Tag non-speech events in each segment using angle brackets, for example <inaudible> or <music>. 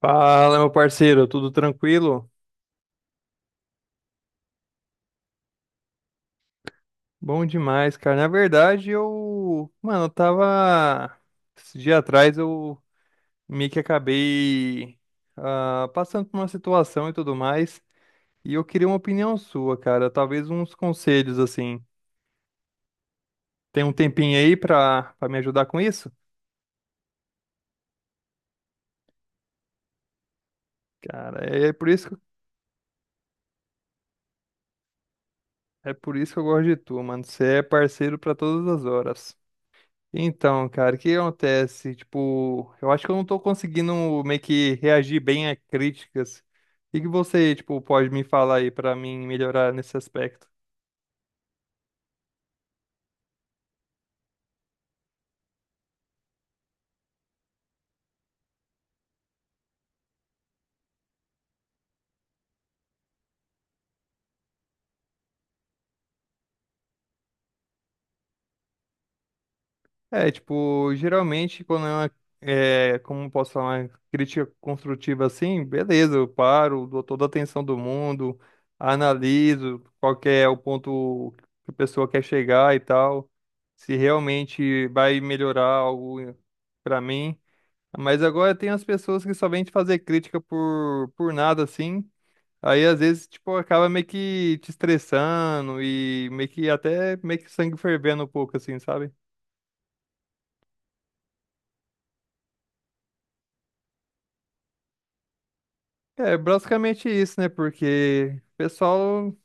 Fala, meu parceiro, tudo tranquilo? Bom demais, cara. Na verdade, mano, eu tava esse dia atrás eu meio que acabei passando por uma situação e tudo mais, e eu queria uma opinião sua, cara, talvez uns conselhos assim. Tem um tempinho aí pra me ajudar com isso? Cara, é por isso, que- É por isso que eu gosto de tu, mano. Você é parceiro pra todas as horas. Então, cara, o que acontece? Tipo, eu acho que eu não tô conseguindo meio que reagir bem a críticas. O que que você, tipo, pode me falar aí pra mim melhorar nesse aspecto? É, tipo, geralmente quando é como posso falar, uma crítica construtiva assim, beleza, eu paro, dou toda a atenção do mundo, analiso qual que é o ponto que a pessoa quer chegar e tal, se realmente vai melhorar algo pra mim. Mas agora tem as pessoas que só vêm te fazer crítica por nada, assim. Aí às vezes, tipo, acaba meio que te estressando e meio que até meio que sangue fervendo um pouco, assim, sabe? É basicamente isso, né? Porque o pessoal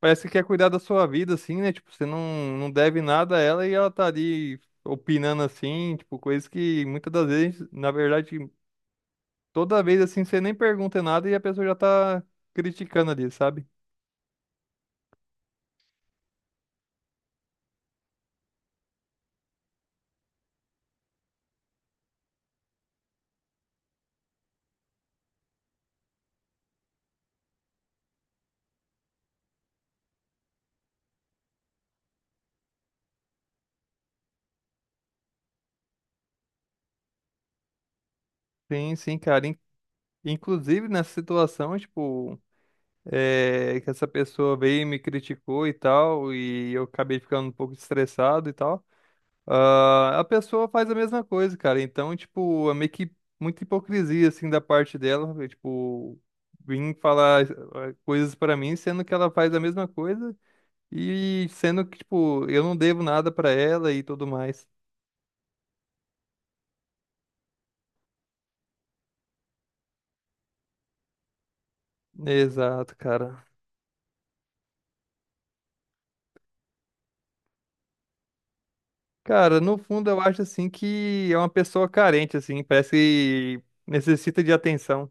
parece que quer cuidar da sua vida, assim, né? Tipo, você não, não deve nada a ela e ela tá ali opinando assim, tipo, coisas que muitas das vezes, na verdade, toda vez assim, você nem pergunta nada e a pessoa já tá criticando ali, sabe? Sim, sim, cara. Inclusive, nessa situação, tipo, que essa pessoa veio e me criticou e tal, e eu acabei ficando um pouco estressado e tal, a pessoa faz a mesma coisa, cara. Então, tipo, é meio que muita hipocrisia, assim, da parte dela, eu, tipo, vim falar coisas pra mim, sendo que ela faz a mesma coisa e sendo que, tipo, eu não devo nada pra ela e tudo mais. Exato, cara. Cara, no fundo eu acho assim que é uma pessoa carente, assim, parece que necessita de atenção.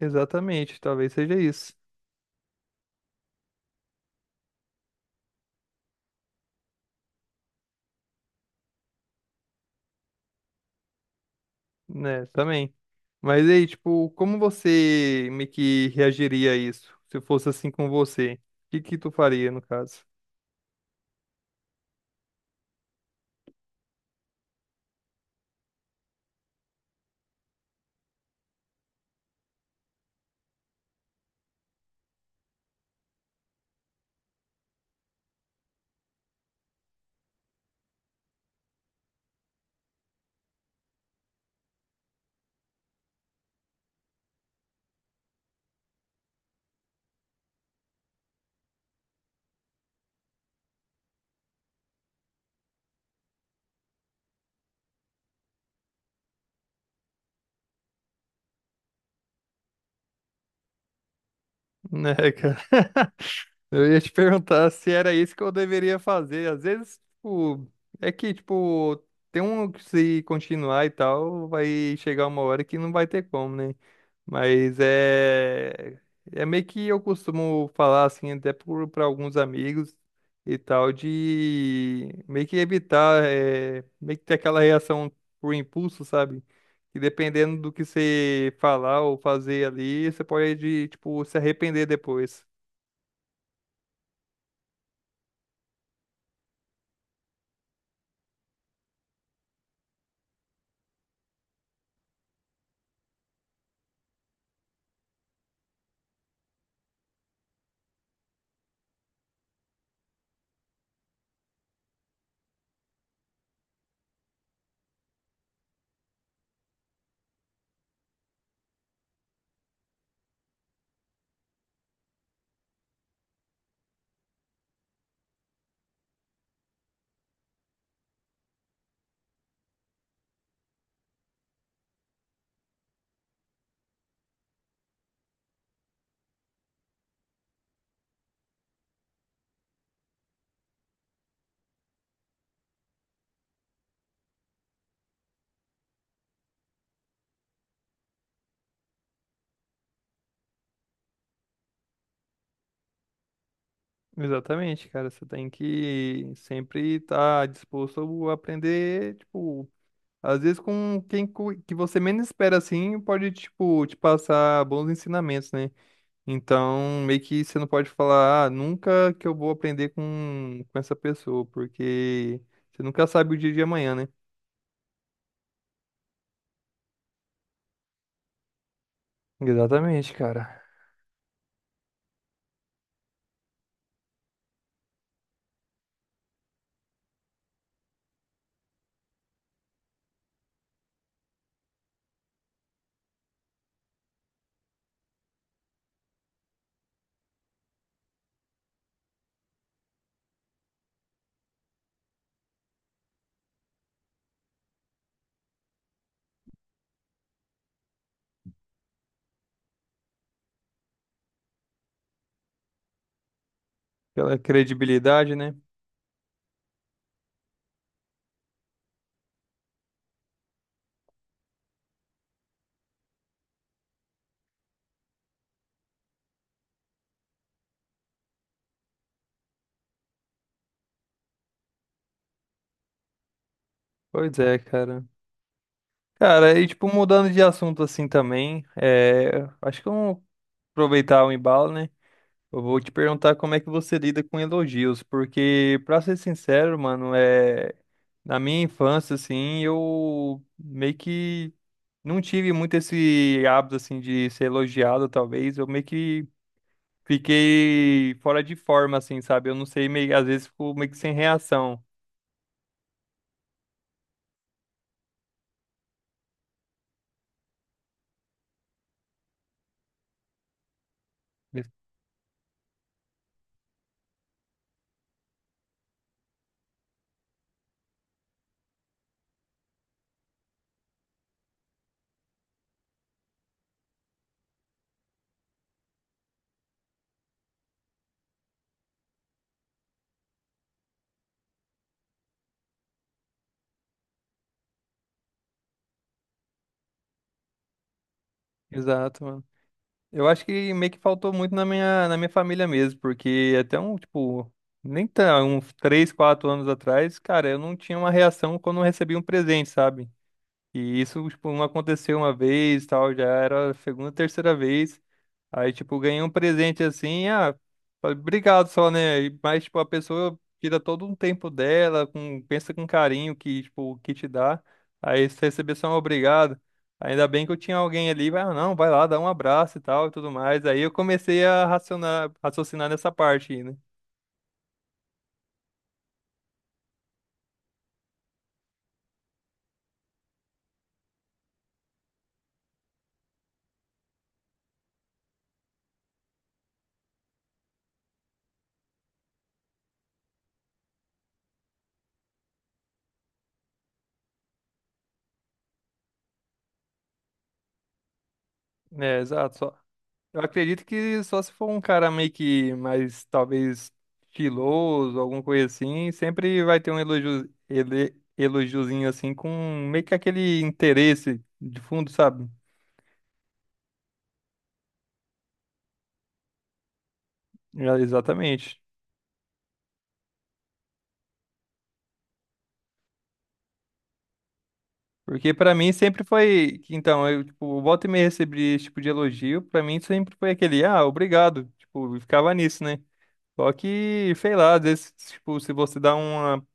Exatamente, talvez seja isso, né? Também. Mas aí, tipo, como você meio que reagiria a isso? Se fosse assim com você, o que que tu faria no caso? <laughs> Né, cara? Eu ia te <laughs> perguntar se era isso que eu deveria fazer. Às vezes, tipo, é que, tipo, tem um que se continuar e tal, vai chegar uma hora que não vai ter como, né? Mas é. É meio que eu costumo falar assim, pra alguns amigos e tal, de meio que evitar, meio que ter aquela reação por impulso, sabe? E dependendo do que você falar ou fazer ali, você pode, tipo, se arrepender depois. Exatamente, cara. Você tem que sempre estar disposto a aprender, tipo, às vezes com que você menos espera assim, pode, tipo, te passar bons ensinamentos, né? Então, meio que você não pode falar, ah, nunca que eu vou aprender com essa pessoa, porque você nunca sabe o dia de amanhã, né? Exatamente, cara. Aquela credibilidade, né? Pois é, cara. Cara, e tipo, mudando de assunto assim também, é, acho que eu vou aproveitar o embalo, né? Eu vou te perguntar como é que você lida com elogios, porque, pra ser sincero, mano, é... na minha infância, assim, eu meio que não tive muito esse hábito, assim, de ser elogiado, talvez. Eu meio que fiquei fora de forma, assim, sabe? Eu não sei, meio... às vezes fico meio que sem reação. Ex- Exato, mano. Eu acho que meio que faltou muito na minha família mesmo, porque até um, tipo, nem tão, uns 3 ou 4 anos atrás, cara, eu não tinha uma reação quando eu recebia um presente, sabe? E isso, tipo, não aconteceu uma vez, tal, já era a segunda, terceira vez. Aí, tipo, ganhei um presente assim, ah, falei, obrigado só, né? Mas, tipo, a pessoa tira todo um tempo dela, pensa com carinho que, tipo, o que te dá. Aí, se receber só um obrigado, ainda bem que eu tinha alguém ali, vai, ah, não, vai lá, dá um abraço e tal e tudo mais. Aí eu comecei a raciocinar nessa parte aí, né? É, exato. Eu acredito que só se for um cara meio que mais, talvez, estiloso, alguma coisa assim, sempre vai ter um elogio, elogiozinho assim, com meio que aquele interesse de fundo, sabe? É, exatamente. Porque pra mim sempre foi, que, então, eu, tipo, volta e meia recebi esse tipo de elogio, pra mim sempre foi aquele, ah, obrigado, tipo, eu ficava nisso, né? Só que, sei lá, às vezes, tipo, se você dá uma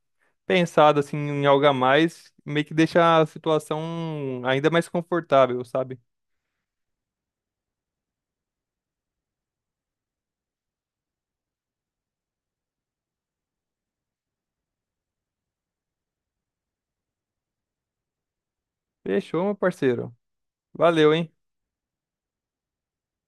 pensado assim em algo a mais, meio que deixa a situação ainda mais confortável, sabe? Fechou, meu parceiro. Valeu, hein?